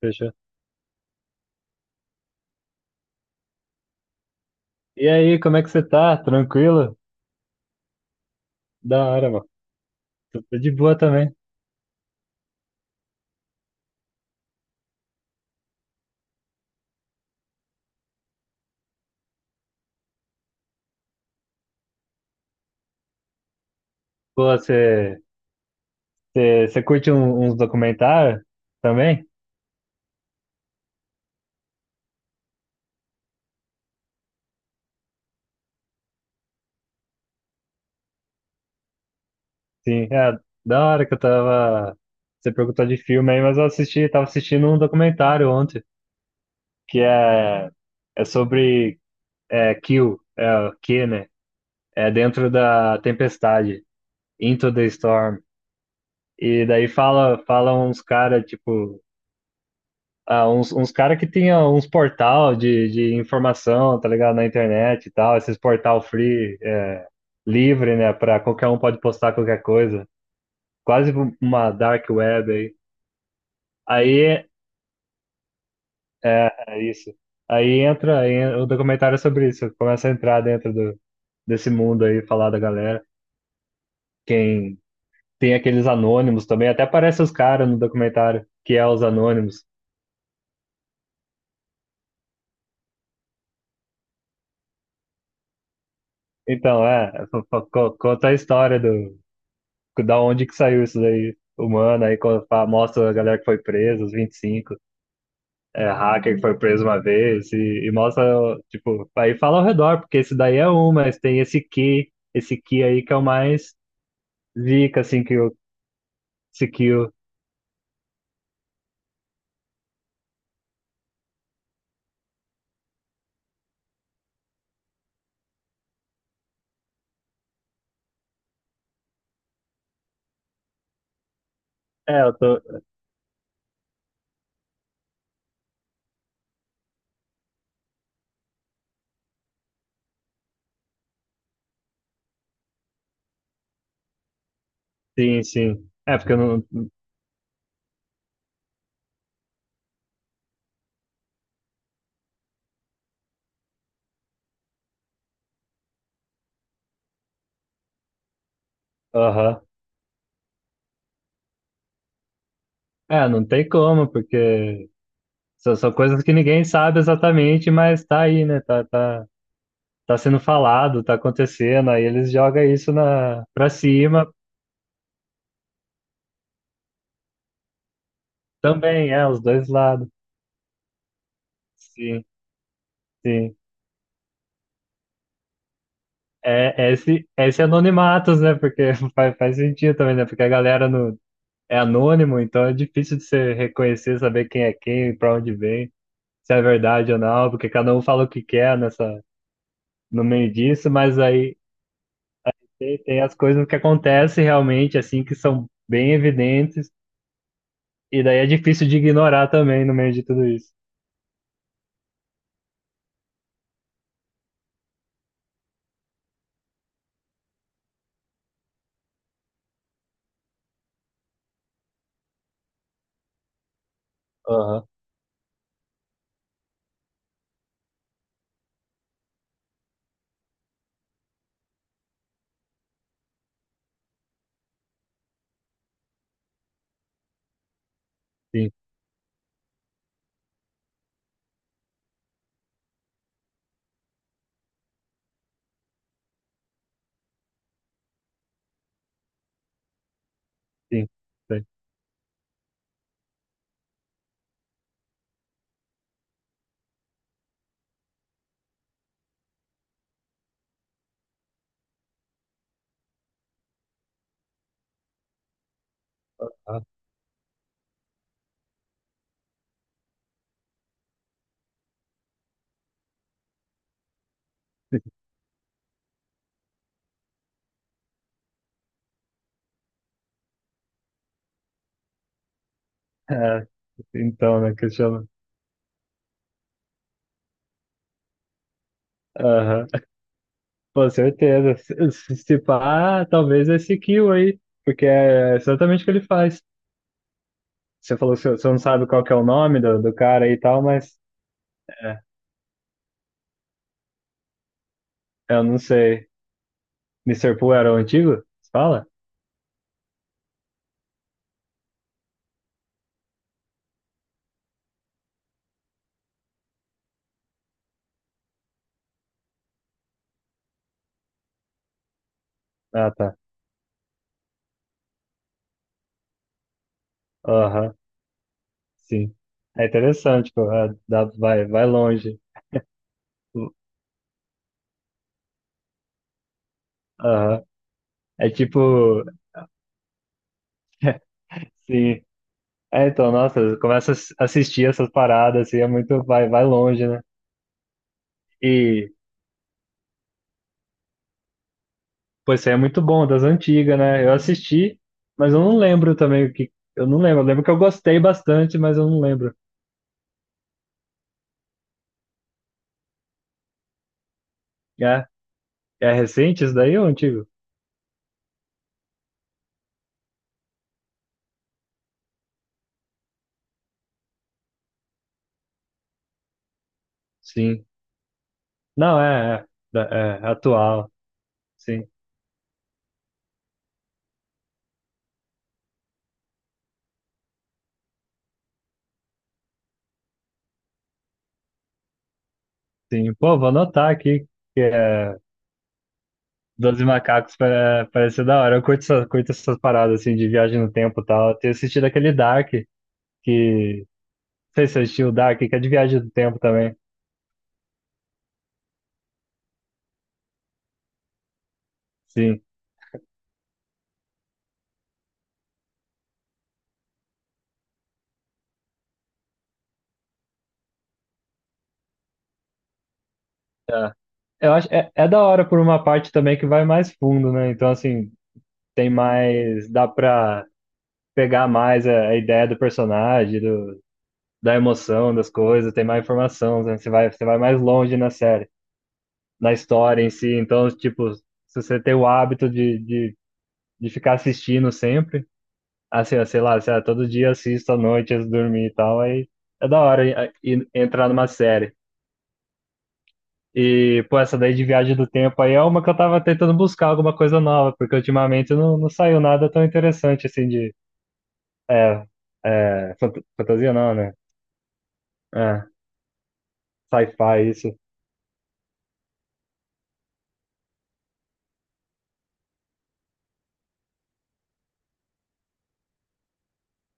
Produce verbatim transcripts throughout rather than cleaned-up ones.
Fechou. E aí, como é que você tá? Tranquilo? Da hora, mano. Tô tô de boa também. Pô, você você- você curte um- uns documentários também? Sim, é da hora que eu tava. Você perguntou de filme aí, mas eu assisti, tava assistindo um documentário ontem, que é, é sobre é, Kill, é, Q, né? É dentro da tempestade, Into the Storm. E daí fala, fala uns caras, tipo. Ah, uns, uns caras que tinha uns portal de, de informação, tá ligado? Na internet e tal, esses portal free, é, livre, né? Pra qualquer um pode postar qualquer coisa. Quase uma dark web aí. Aí é isso. Aí entra aí, o documentário é sobre isso. Começa a entrar dentro do, desse mundo aí, falar da galera. Quem tem aqueles anônimos também, até aparece os caras no documentário, que é os anônimos. Então, é, co- co- conta a história do, da onde que saiu isso daí? Humana, aí quando fa- mostra a galera que foi presa, os vinte e cinco, é, hacker que foi preso uma vez, e, e mostra, tipo, aí fala ao redor, porque esse daí é um, mas tem esse que, esse que aí que é o mais zica, assim, que eu, esse que eu, é, eu tô, sim, sim, é, porque eu não, aham, é, não tem como, porque são, são coisas que ninguém sabe exatamente, mas tá aí, né, tá, tá, tá sendo falado, tá acontecendo, aí eles jogam isso na, pra cima. Também, é, os dois lados. Sim, sim. É, é esse, é esse anonimatos, né? Porque faz, faz sentido também, né? Porque a galera no, é anônimo, então é difícil de você reconhecer, saber quem é quem, pra onde vem, se é verdade ou não, porque cada um fala o que quer nessa, no meio disso, mas aí tem as coisas que acontecem realmente, assim, que são bem evidentes, e daí é difícil de ignorar também no meio de tudo isso. Aham, sim, sim. Sei. Ah, é, então, né? Que chama. Aham. Com certeza. Se se- se pá, talvez esse Kill aí, porque é exatamente o que ele faz. Você falou que você você não sabe qual que é o nome do, do cara aí e tal, mas é, eu não sei. Mister Pooh era o antigo? Você fala? Ah, tá. Aham, sim. É interessante, pô. É, dá, vai, vai longe. Aham. É tipo, sim. É, então, nossa, começa a ass- assistir essas paradas, assim, é muito, vai, vai longe, né? E pô, esse aí é muito bom, das antigas, né? Eu assisti, mas eu não lembro também o que. Eu não lembro. Eu lembro que eu gostei bastante, mas eu não lembro. É, é recente isso daí ou antigo? Sim. Não, é, é, da- é atual. Sim, sim. Pô, vou anotar aqui que é Doze Macacos pa- parece ser da hora. Eu curto, essa, curto essas paradas assim de viagem no tempo e tal. Eu tenho assistido aquele Dark, que. Não sei se você assistiu o Dark, que é de viagem do tempo também. Sim. É. Eu acho, é, é da hora por uma parte também que vai mais fundo, né? Então, assim, tem mais, dá pra pegar mais a, a ideia do personagem, do, da emoção das coisas, tem mais informação, né? Você vai, você vai mais longe na série, na história em si. Então, tipo, se você tem o hábito de, de, de ficar assistindo sempre, assim, ó, sei lá, sei lá, todo dia assisto à noite antes de dormir e tal, aí é da hora e- e entrar numa série. E, pô, essa daí de viagem do tempo aí é uma que eu tava tentando buscar alguma coisa nova, porque ultimamente não, não saiu nada tão interessante assim de. É, é, fant- fantasia não, né? É, sci-fi, isso.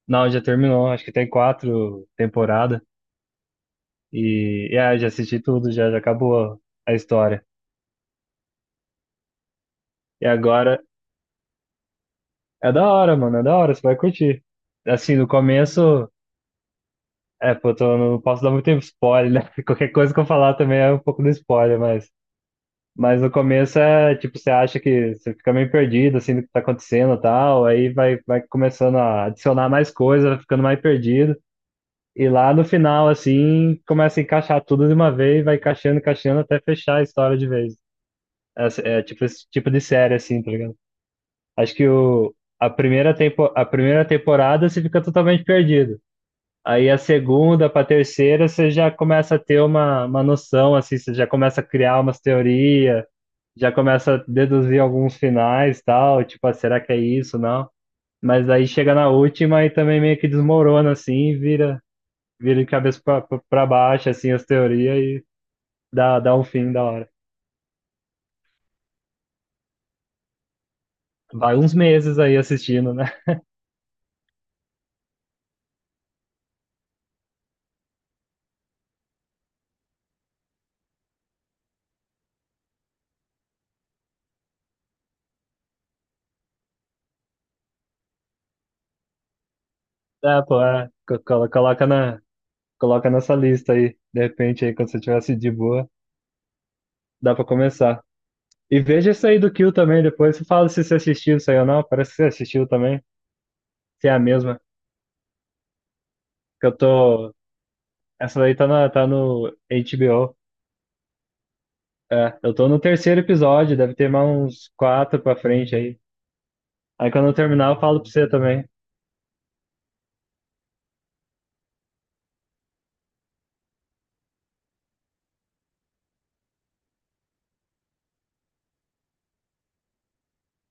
Não, já terminou, acho que tem quatro temporadas. E e é, já assisti tudo, já, já acabou a história. E agora é da hora, mano, é da hora, você vai curtir. Assim, no começo, é, pô, eu tô- não posso dar muito spoiler, né? Qualquer coisa que eu falar também é um pouco do spoiler, mas. Mas no começo é tipo, você acha que você fica meio perdido assim do que tá acontecendo e tal, aí vai, vai começando a adicionar mais coisa, vai ficando mais perdido. E lá no final, assim, começa a encaixar tudo de uma vez, vai encaixando, encaixando até fechar a história de vez. Essa- É, tipo esse tipo de série, assim, tá ligado? Acho que o, a primeira, tempo, a primeira temporada você fica totalmente perdido. Aí a segunda para a terceira você já começa a ter uma, uma noção, assim, você já começa a criar umas teorias, já começa a deduzir alguns finais tal, tipo, ah, será que é isso, não? Mas aí chega na última e também meio que desmorona, assim, e vira, vira de cabeça para baixo, assim, as teorias e dá, dá um fim da hora. Vai uns meses aí assistindo, né? É, pô, é, co- colo- coloca na, coloca nessa lista aí, de repente aí, quando você tivesse de boa, dá para começar. E veja isso aí do Kill também depois. Você fala se você assistiu isso aí ou não. Parece que você assistiu também. Se é a mesma. Que eu tô. Essa daí tá, na, tá no H B O. É, eu tô no terceiro episódio. Deve ter mais uns quatro pra frente aí. Aí quando eu terminar, eu falo pra você também.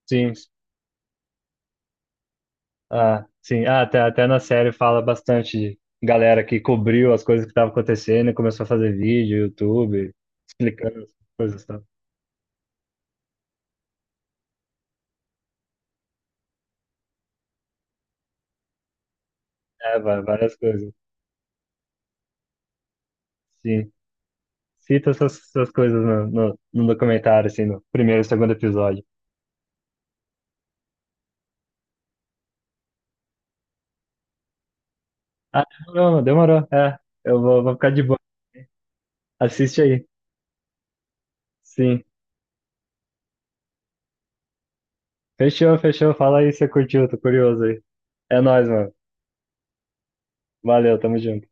Sim. Ah, sim. Ah, até, até na série fala bastante de galera que cobriu as coisas que estavam acontecendo e começou a fazer vídeo, YouTube, explicando as coisas e tal. É, va- várias coisas. Sim. Cita essas, essas coisas no, no, no documentário, assim, no primeiro e segundo episódio. Ah, demorou, demorou. É, eu vou, vou ficar de boa. Assiste aí. Sim. Fechou, fechou. Fala aí se você curtiu, tô curioso aí. É nóis, mano. Valeu, tamo junto.